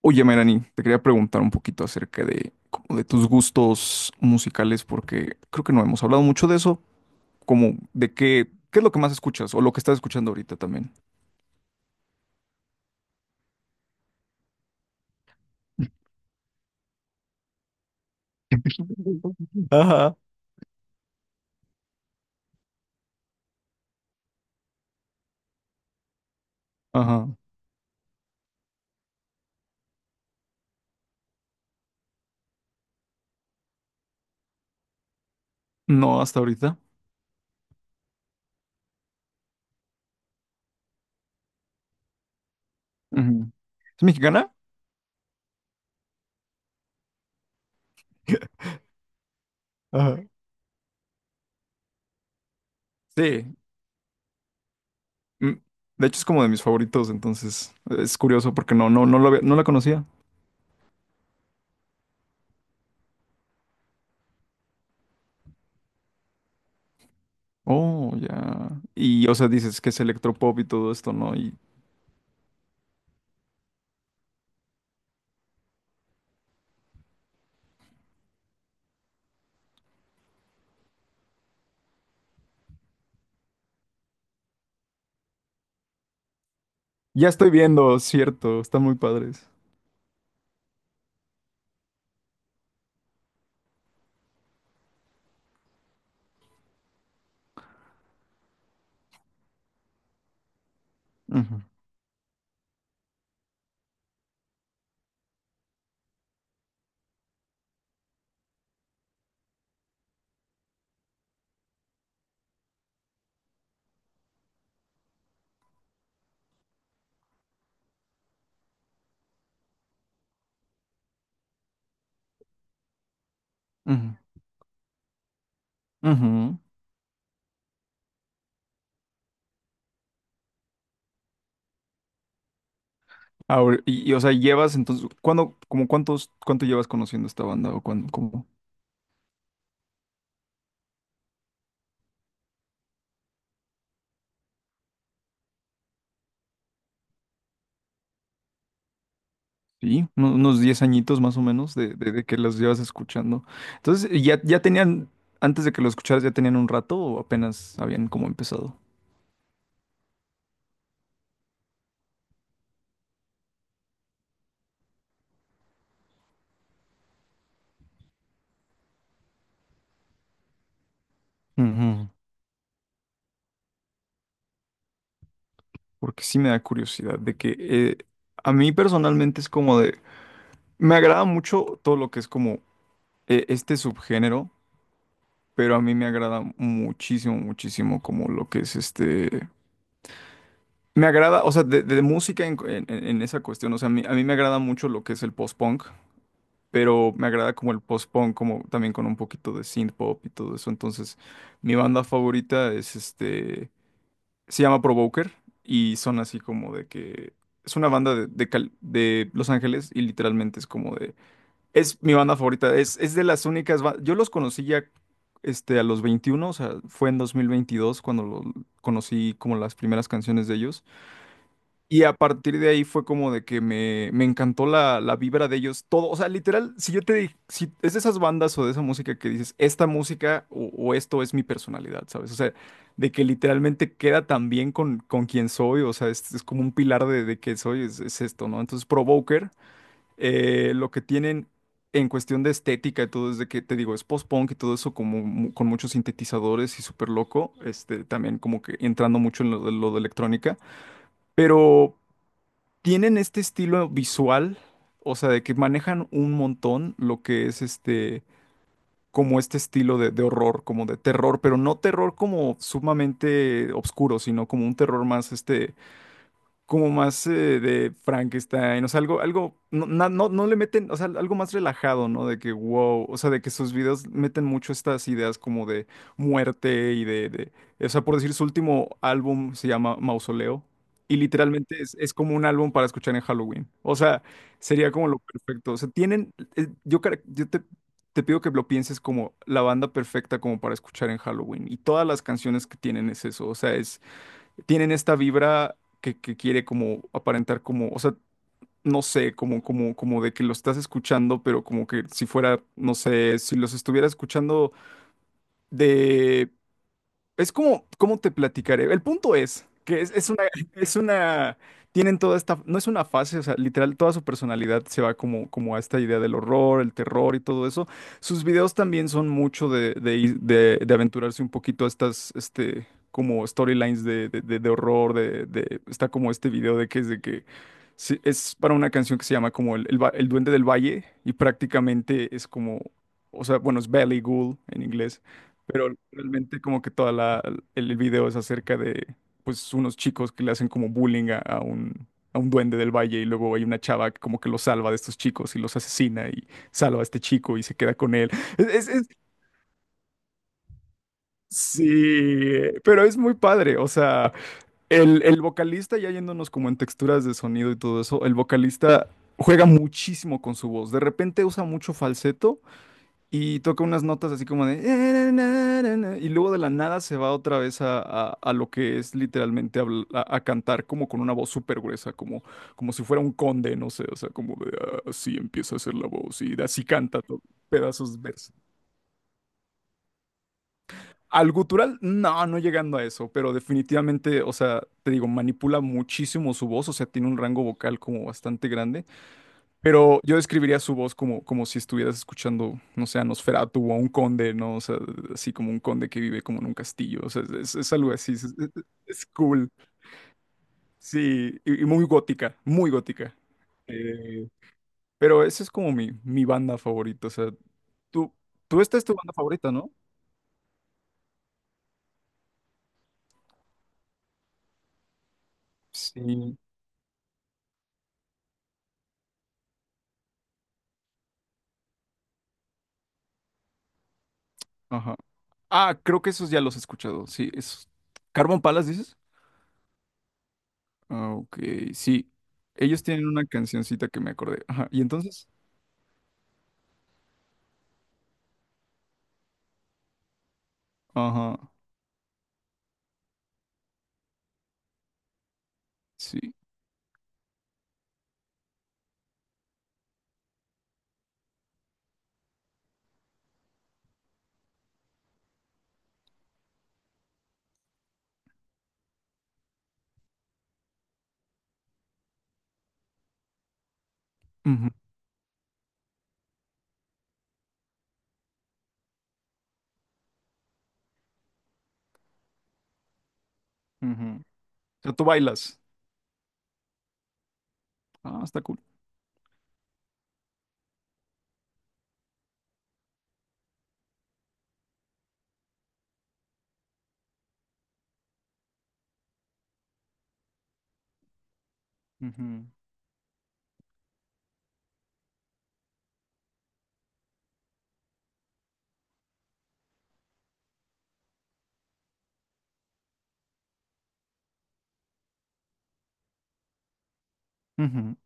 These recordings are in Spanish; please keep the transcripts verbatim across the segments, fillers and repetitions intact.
Oye, Melanie, te quería preguntar un poquito acerca de, como de tus gustos musicales, porque creo que no hemos hablado mucho de eso, como de qué, qué es lo que más escuchas o lo que estás escuchando ahorita también. Ah. Ajá. No, hasta ahorita. Ujú. ¿Es mexicana? Ajá. Sí. Mm, De hecho, es como de mis favoritos, entonces es curioso porque no, no, no lo había- no la conocía. Oh, ya. Y, o sea, dices que es electropop y todo esto, ¿no? Y ya estoy viendo, cierto, están muy padres. Ujú, ujú, ujú. Ahora, y, y, o sea, llevas entonces, ¿cuándo, como cuántos, cuánto llevas conociendo esta banda? ¿O cuándo, como? Sí, uno- unos diez añitos más o menos de, de- de que las llevas escuchando. Entonces, ¿ya, ya tenían, antes de que lo escucharas, ya tenían un rato o apenas habían como empezado? Ujú. Porque sí me da curiosidad de que eh, a mí personalmente es como de, me agrada mucho todo lo que es como eh, este subgénero, pero a mí me agrada muchísimo, muchísimo como lo que es este. Me agrada, o sea, de, de música en, en- en esa cuestión, o sea, a mí, a mí me agrada mucho lo que es el post-punk, pero me agrada como el post-punk, como también con un poquito de synth-pop y todo eso. Entonces, mi banda favorita es este, se llama Provoker y son así como de que es una banda de, de, Cal- de Los Ángeles y literalmente es como de, es mi banda favorita, es, es de las únicas, ba- yo los conocí ya este, a los veintiuno. O sea, fue en dos mil veintidós cuando lo- conocí como las primeras canciones de ellos. Y a partir de ahí fue como de que me, me encantó la, la vibra de ellos, todo, o sea, literal, si yo te di- si es de esas bandas o de esa música que dices, esta música o, o esto es mi personalidad, ¿sabes? O sea, de que literalmente queda tan bien con, con quien soy, o sea, es, es como un pilar de, de que soy, es, es esto, ¿no? Entonces, Provoker, eh, lo que tienen en cuestión de estética y todo, es de que, te digo, es post-punk y todo eso como, mu- con muchos sintetizadores y súper loco, este, también como que entrando mucho en lo de lo de electrónica. Pero tienen este estilo visual, o sea, de que manejan un montón lo que es este, como este estilo de, de horror, como de terror, pero no terror como sumamente oscuro, sino como un terror más este como más eh, de Frankenstein, o sea, algo, algo, no, na- no, no le meten, o sea, algo más relajado, ¿no? De que, wow, o sea, de que sus videos meten mucho estas ideas como de muerte y de, de- o sea, por decir, su último álbum se llama Mausoleo y literalmente es, es como un álbum para escuchar en Halloween, o sea, sería como lo perfecto, o sea, tienen, eh, yo, cara- yo te, te pido que lo pienses como la banda perfecta como para escuchar en Halloween y todas las canciones que tienen es eso, o sea, tienen esta vibra que, que quiere como aparentar como, o sea, no sé, como, como, como de que lo estás escuchando, pero como que si fuera, no sé, si los estuviera escuchando de es como, ¿cómo te platicaré? El punto es que es, es una, es una, tienen toda esta, no es una fase, o sea, literal, toda su personalidad se va como, como a esta idea del horror, el terror y todo eso. Sus videos también son mucho de, de, ir- de, de aventurarse un poquito a estas, este, como storylines de, de, de- de horror, de, de, está como este video de que es de que, sí, es para una canción que se llama como el, el, va- el Duende del Valle y prácticamente es como, o sea, bueno, es Valley Ghoul en inglés, pero realmente como que toda la, el el video es acerca de pues unos chicos que le hacen como bullying a, a un a un duende del valle y luego hay una chava que como que los salva de estos chicos y los asesina y salva a este chico y se queda con él. Es, es- es- sí, pero es muy padre, o sea, el, el vocalista ya yéndonos como en texturas de sonido y todo eso, el vocalista juega muchísimo con su voz, de repente usa mucho falseto. Y toca unas notas así como de... "Eh, na, na, na". Y luego de la nada se va otra vez a, a- a lo que es literalmente habl- a, a cantar como con una voz súper gruesa, como, como si fuera un conde, no sé, o sea, como de "Ah, así empieza a hacer la voz y así canta todo, pedazos de verso". Al gutural, no, no llegando a eso, pero definitivamente, o sea, te digo, manipula muchísimo su voz, o sea, tiene un rango vocal como bastante grande. Pero yo describiría su voz como, como, si estuvieras escuchando, no sé, a Nosferatu o a un conde, ¿no? O sea, así como un conde que vive como en un castillo. O sea, es, es- es algo así. Es, es- es cool. Sí, y, y muy gótica, muy gótica. Eh, pero esa es como mi, mi banda favorita. O sea, tú, tú esta es tu banda favorita, ¿no? Sí. Ajá. Ah, creo que esos ya los he escuchado. Sí, esos. ¿Carbon Palace dices? Ah, ok, sí. Ellos tienen una cancioncita que me acordé. Ajá. Y entonces, ajá, sí. Ujú, ujú. O sea, tú bailas. Ah, está cool. Ujú, ujú.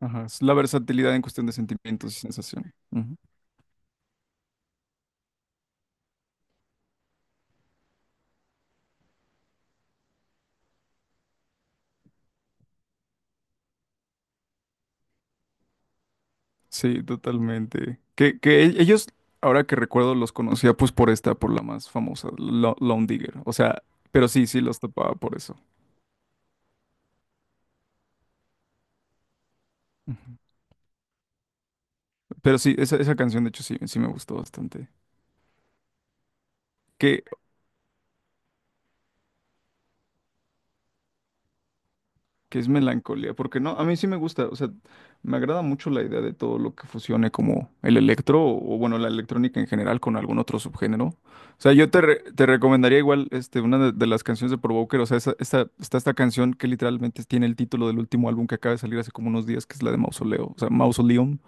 Ajá, es la versatilidad en cuestión de sentimientos y sensaciones. Ujú. Sí, totalmente. Que, que e- ellos, ahora que recuerdo, los conocía pues por esta, por la más famosa, Lo- Lone Digger. O sea, pero sí, sí los tapaba por eso. Ujú. Pero sí, esa, esa canción de hecho sí, sí me gustó bastante. que que es melancolía, porque no, a mí sí me gusta, o sea, me agrada mucho la idea de todo lo que fusione como el electro o, o, bueno, la electrónica en general con algún otro subgénero. O sea, yo te, re- te recomendaría igual este, una de, de las canciones de Provoker, o sea, esa, esta, está esta canción que literalmente tiene el título del último álbum que acaba de salir hace como unos días, que es la de Mausoleo, o sea, Mausoleum.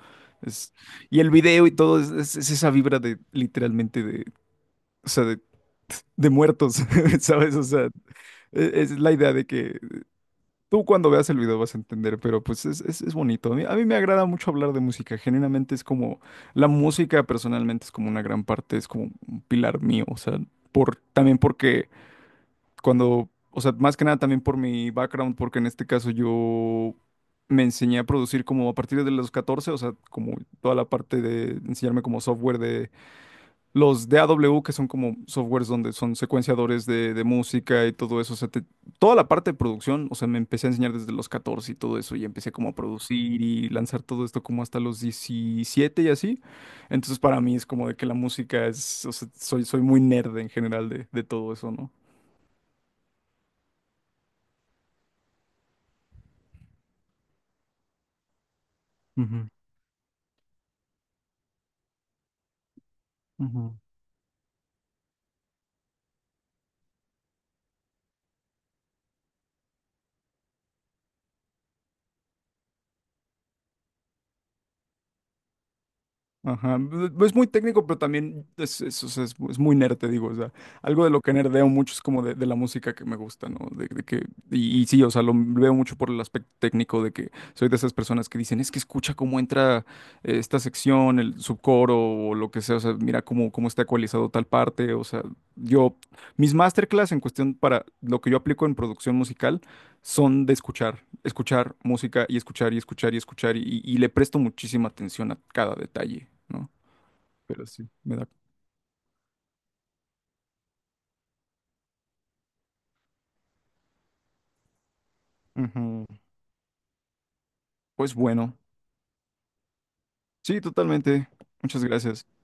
Es, y el video y todo es, es- es esa vibra de literalmente de, o sea, de, de muertos, ¿sabes? O sea, e- es la idea de que tú cuando veas el video vas a entender, pero pues es, es, es bonito. A mí, a mí me agrada mucho hablar de música. Genuinamente es como, la música personalmente es como una gran parte, es como un pilar mío. O sea, por, también porque cuando, o sea, más que nada también por mi background, porque en este caso yo me enseñé a producir como a partir de los catorce, o sea, como toda la parte de enseñarme como software de los D A W, que son como softwares donde son secuenciadores de, de música y todo eso, o sea, te- toda la parte de producción, o sea, me empecé a enseñar desde los catorce y todo eso, y empecé como a producir y lanzar todo esto como hasta los diecisiete y así. Entonces, para mí es como de que la música es, o sea, soy, soy muy nerd en general de, de todo eso, ¿no? Ujú, ujú. Ajá, b- es muy técnico, pero también es, es, o sea, es- es muy nerd, te digo, o sea, algo de lo que nerdeo mucho es como de, de la música que me gusta, ¿no? De, de que, y, y sí, o sea, lo veo mucho por el aspecto técnico de que soy de esas personas que dicen, es que escucha cómo entra eh, esta sección, el subcoro o lo que sea, o sea, mira cómo, cómo está ecualizado tal parte, o sea, yo, mis masterclass en cuestión para lo que yo aplico en producción musical son de escuchar escuchar música y escuchar y escuchar y escuchar y, y- y le presto muchísima atención a cada detalle, ¿no? Pero sí, me da... Ujú. Pues bueno, sí, totalmente. Muchas gracias.